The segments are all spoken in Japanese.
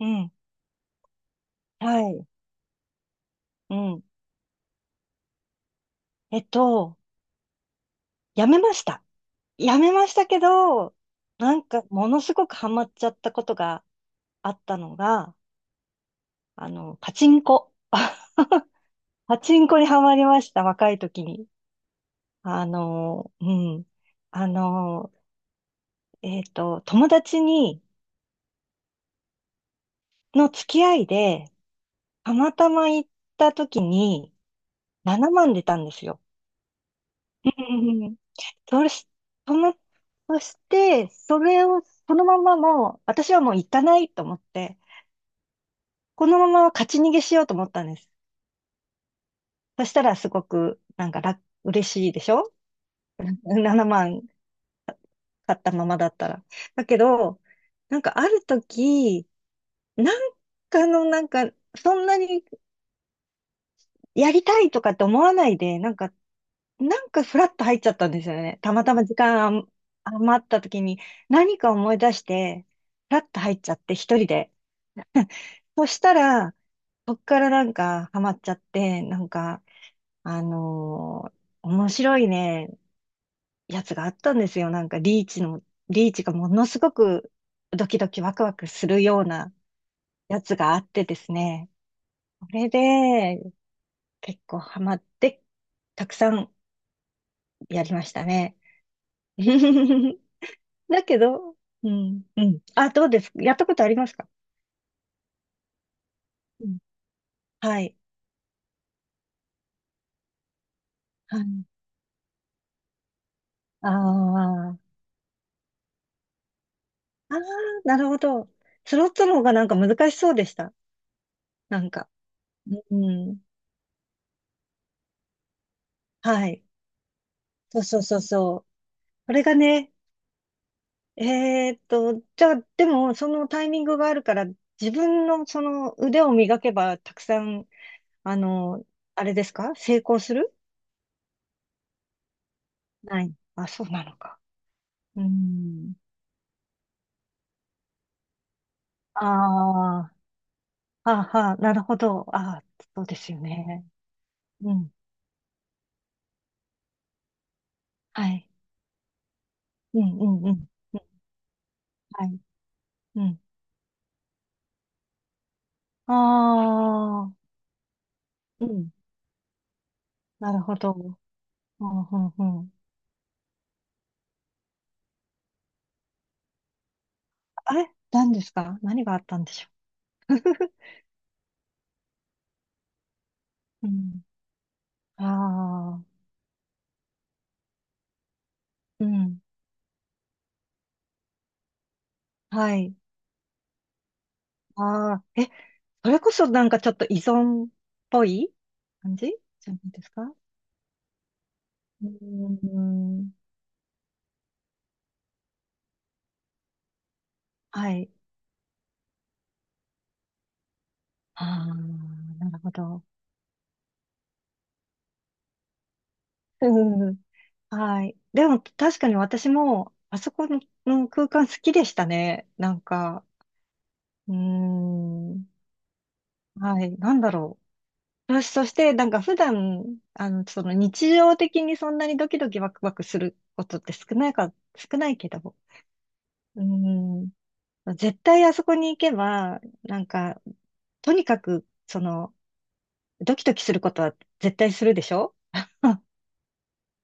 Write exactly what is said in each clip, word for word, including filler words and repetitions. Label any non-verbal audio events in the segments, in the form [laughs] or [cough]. うん。はい。うん。えっと、やめました。やめましたけど、なんか、ものすごくハマっちゃったことがあったのが、あの、パチンコ。[laughs] パチンコにハマりました、若い時に。あの、うん。あの、えっと、友達に、の付き合いで、たまたま行った時に、ななまん出たんですよ。うんうんそし、その、そして、それを、そのままもう、私はもう行かないと思って、このまま勝ち逃げしようと思ったんです。そしたらすごく、なんか楽、嬉しいでしょ ?なな 万 [laughs] 買ったままだったら。だけど、なんかある時、なんかの、なんか、そんなにやりたいとかって思わないで、なんかなんかフラッと入っちゃったんですよね。たまたま時間あん余った時に何か思い出して、フラッと入っちゃって一人で。そしたら、そっからなんかハマっちゃって、なんか、あのー面白いね、やつがあったんですよ。なんかリーチの、リーチがものすごくドキドキワクワクするようなやつがあってですね。それで結構ハマって、たくさんやりましたね。[laughs] だけど、うん、うん。あ、どうです？やったことありますか？うん。はい。はい。ああ。ああ、なるほど。スロットの方がなんか難しそうでした。なんか。うん。はい。そうそうそうそう。これがね、えーっと、じゃあ、でも、そのタイミングがあるから、自分のその腕を磨けば、たくさん、あの、あれですか？成功する？ない。あ、そうなのか。うん。あはあ、はあ、なるほど。ああ、そうですよね。うん。はい。うん、うん、うん。うんはい。うん。ああ、うん。なるほど。うん、うん、うん。あれ何ですか？何があったんでしょう。[laughs] うん。ああ、うん。はい。ああ、え、それこそなんかちょっと依存っぽい感じじゃないですか？うーん。はい。ああ、なるほど。うん。[laughs] はい。でも確かに私も、あそこのの空間好きでしたね。なんか、うーん。はい。なんだろう。よし、そして、なんか普段、あの、その日常的にそんなにドキドキワクワクすることって少ないか、少ないけど、うーん。絶対あそこに行けば、なんか、とにかく、その、ドキドキすることは絶対するでしょ？ [laughs]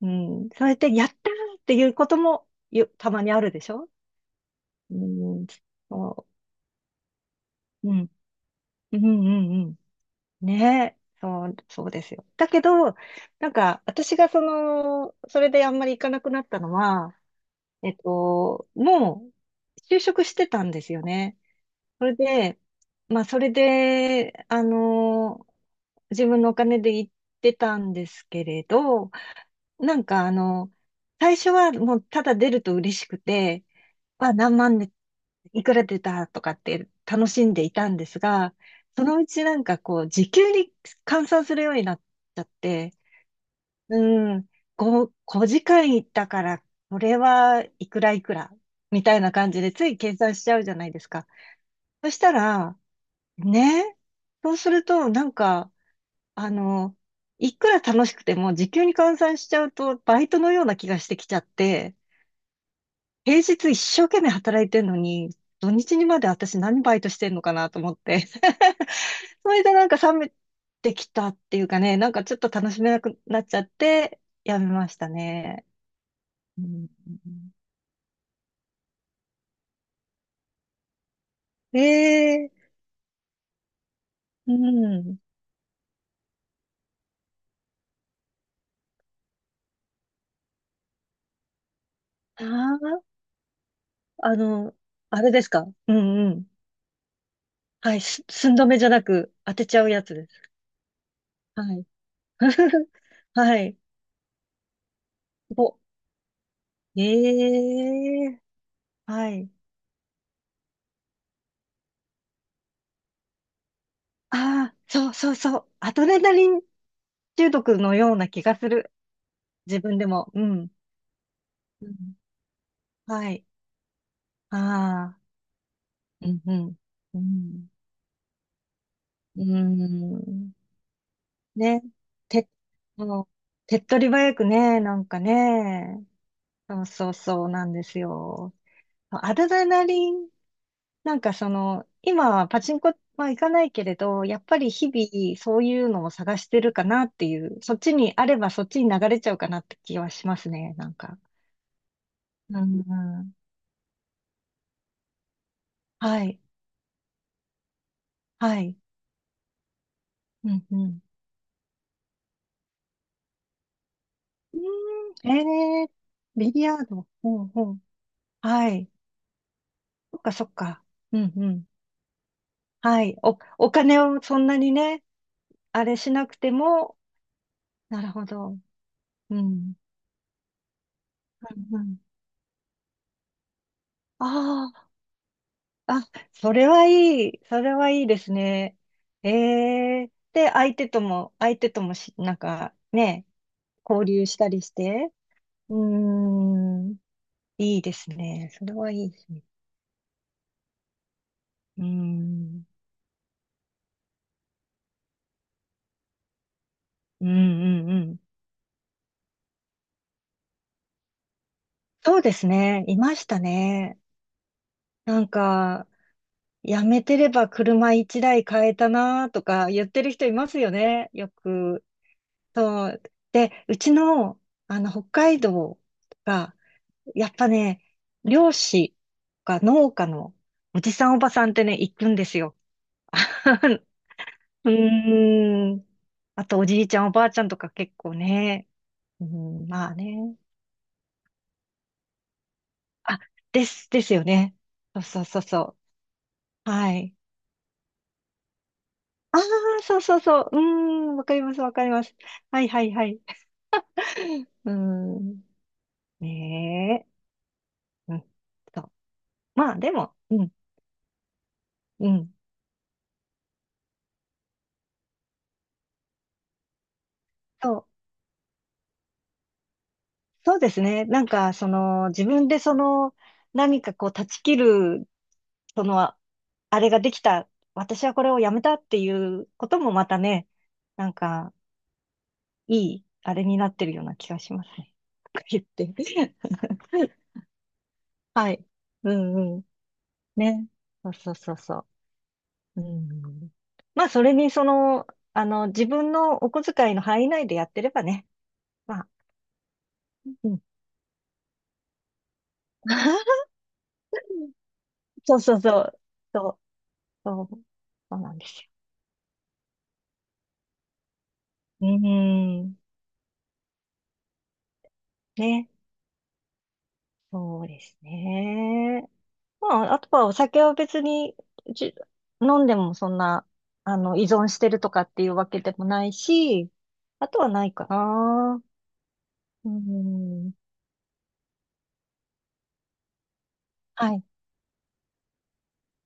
うん。それで、やったーっていうこともよ、たまにあるでしょ？うん、そう、うん、うん、うんうん。ねえ、そう、そうですよ。だけど、なんか、私がその、それであんまり行かなくなったのは、えっと、もう、就職してたんですよね。それで、まあ、それで、あの、自分のお金で行ってたんですけれど、なんか、あの、最初はもう、ただ出ると嬉しくて、は何万でいくら出たとかって楽しんでいたんですが、そのうちなんかこう、時給に換算するようになっちゃって、うん、ご、ごじかん行ったから、これはいくらいくら、みたいな感じでつい計算しちゃうじゃないですか。そしたら、ね、そうするとなんか、あの、いくら楽しくても時給に換算しちゃうとバイトのような気がしてきちゃって、平日一生懸命働いてんのに、土日にまで私何バイトしてんのかなと思って。[laughs] それでなんか冷めてきたっていうかね、なんかちょっと楽しめなくなっちゃって、やめましたね。うん、ええうん。ああ、あの、あれですか。うんうん。はい、す、寸止めじゃなく当てちゃうやつです。はい。[laughs] はい。お、ええはい。ああ、そうそうそう。アドレナリン中毒のような気がする。自分でも。うん。うん。はい。ああ。うん、うん。うん。うーん。ね。て、もう、手っ取り早くね、なんかね。そうそうそうなんですよ。アドレナリン、なんかその、今はパチンコは行かないけれど、やっぱり日々そういうのを探してるかなっていう、そっちにあればそっちに流れちゃうかなって気はしますね、なんか。うんうん。はい。はい。うんうん。うーん、えー、ビリヤード。ほうほう。はい。そっかそっか。うんうん。はい。お、お金をそんなにね、あれしなくても、なるほど。うん。うんうん。ああ、あ、それはいい。それはいいですね。ええで、相手とも、相手ともし、なんかね、交流したりして。うーん、いいですね。それはいいですね。うーん。うんうんうん。そうですね。いましたね。なんか、やめてれば車一台買えたなとか言ってる人いますよね。よく。そう。で、うちの、あの、北海道が、やっぱね、漁師とか農家のおじさんおばさんってね、行くんですよ。[laughs] うーん。あと、おじいちゃんおばあちゃんとか結構ね。うん、まあね。あ、です、ですよね。そうそうそうそう。はい。ああ、そうそうそう。うーん、わかります、わかります。はい、はい、はい。[laughs] うーん。ねえ。うん。そう。まあ、でも、うん、うん。そう。そうですね。なんか、その、自分でその、何かこう、断ち切る、その、あれができた、私はこれをやめたっていうこともまたね、なんか、いい、あれになってるような気がしますね。とか言って。[laughs] はい。うんうん。ね。そうそうそうそう。うん。まあ、それに、その、あの、自分のお小遣いの範囲内でやってればね。まあ、うん。[laughs] そうそうそう。そう、そう、そうなんですよ。うん。ね。そうですね。まあ、あとはお酒は別に、じ、飲んでもそんな、あの、依存してるとかっていうわけでもないし、あとはないかな。うん。はい。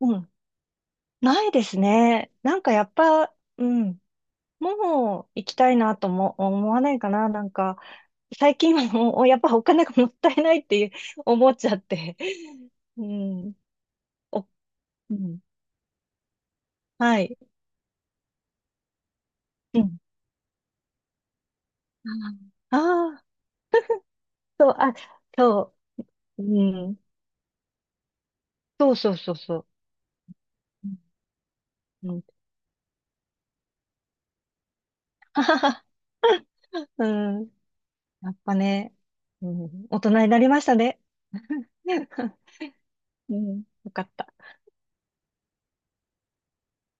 うん。ないですね。なんかやっぱ、うん。もう行きたいなとも思わないかな。なんか、最近はもう、[laughs] やっぱお金がもったいないっていう思っちゃって。うん。お、うん。はい。うん。ああそう、あ、そう。うん。そうそうそうそう。うん。ははは。[laughs] うん。やっぱね、うん、大人になりましたね。[laughs] うん。よかった。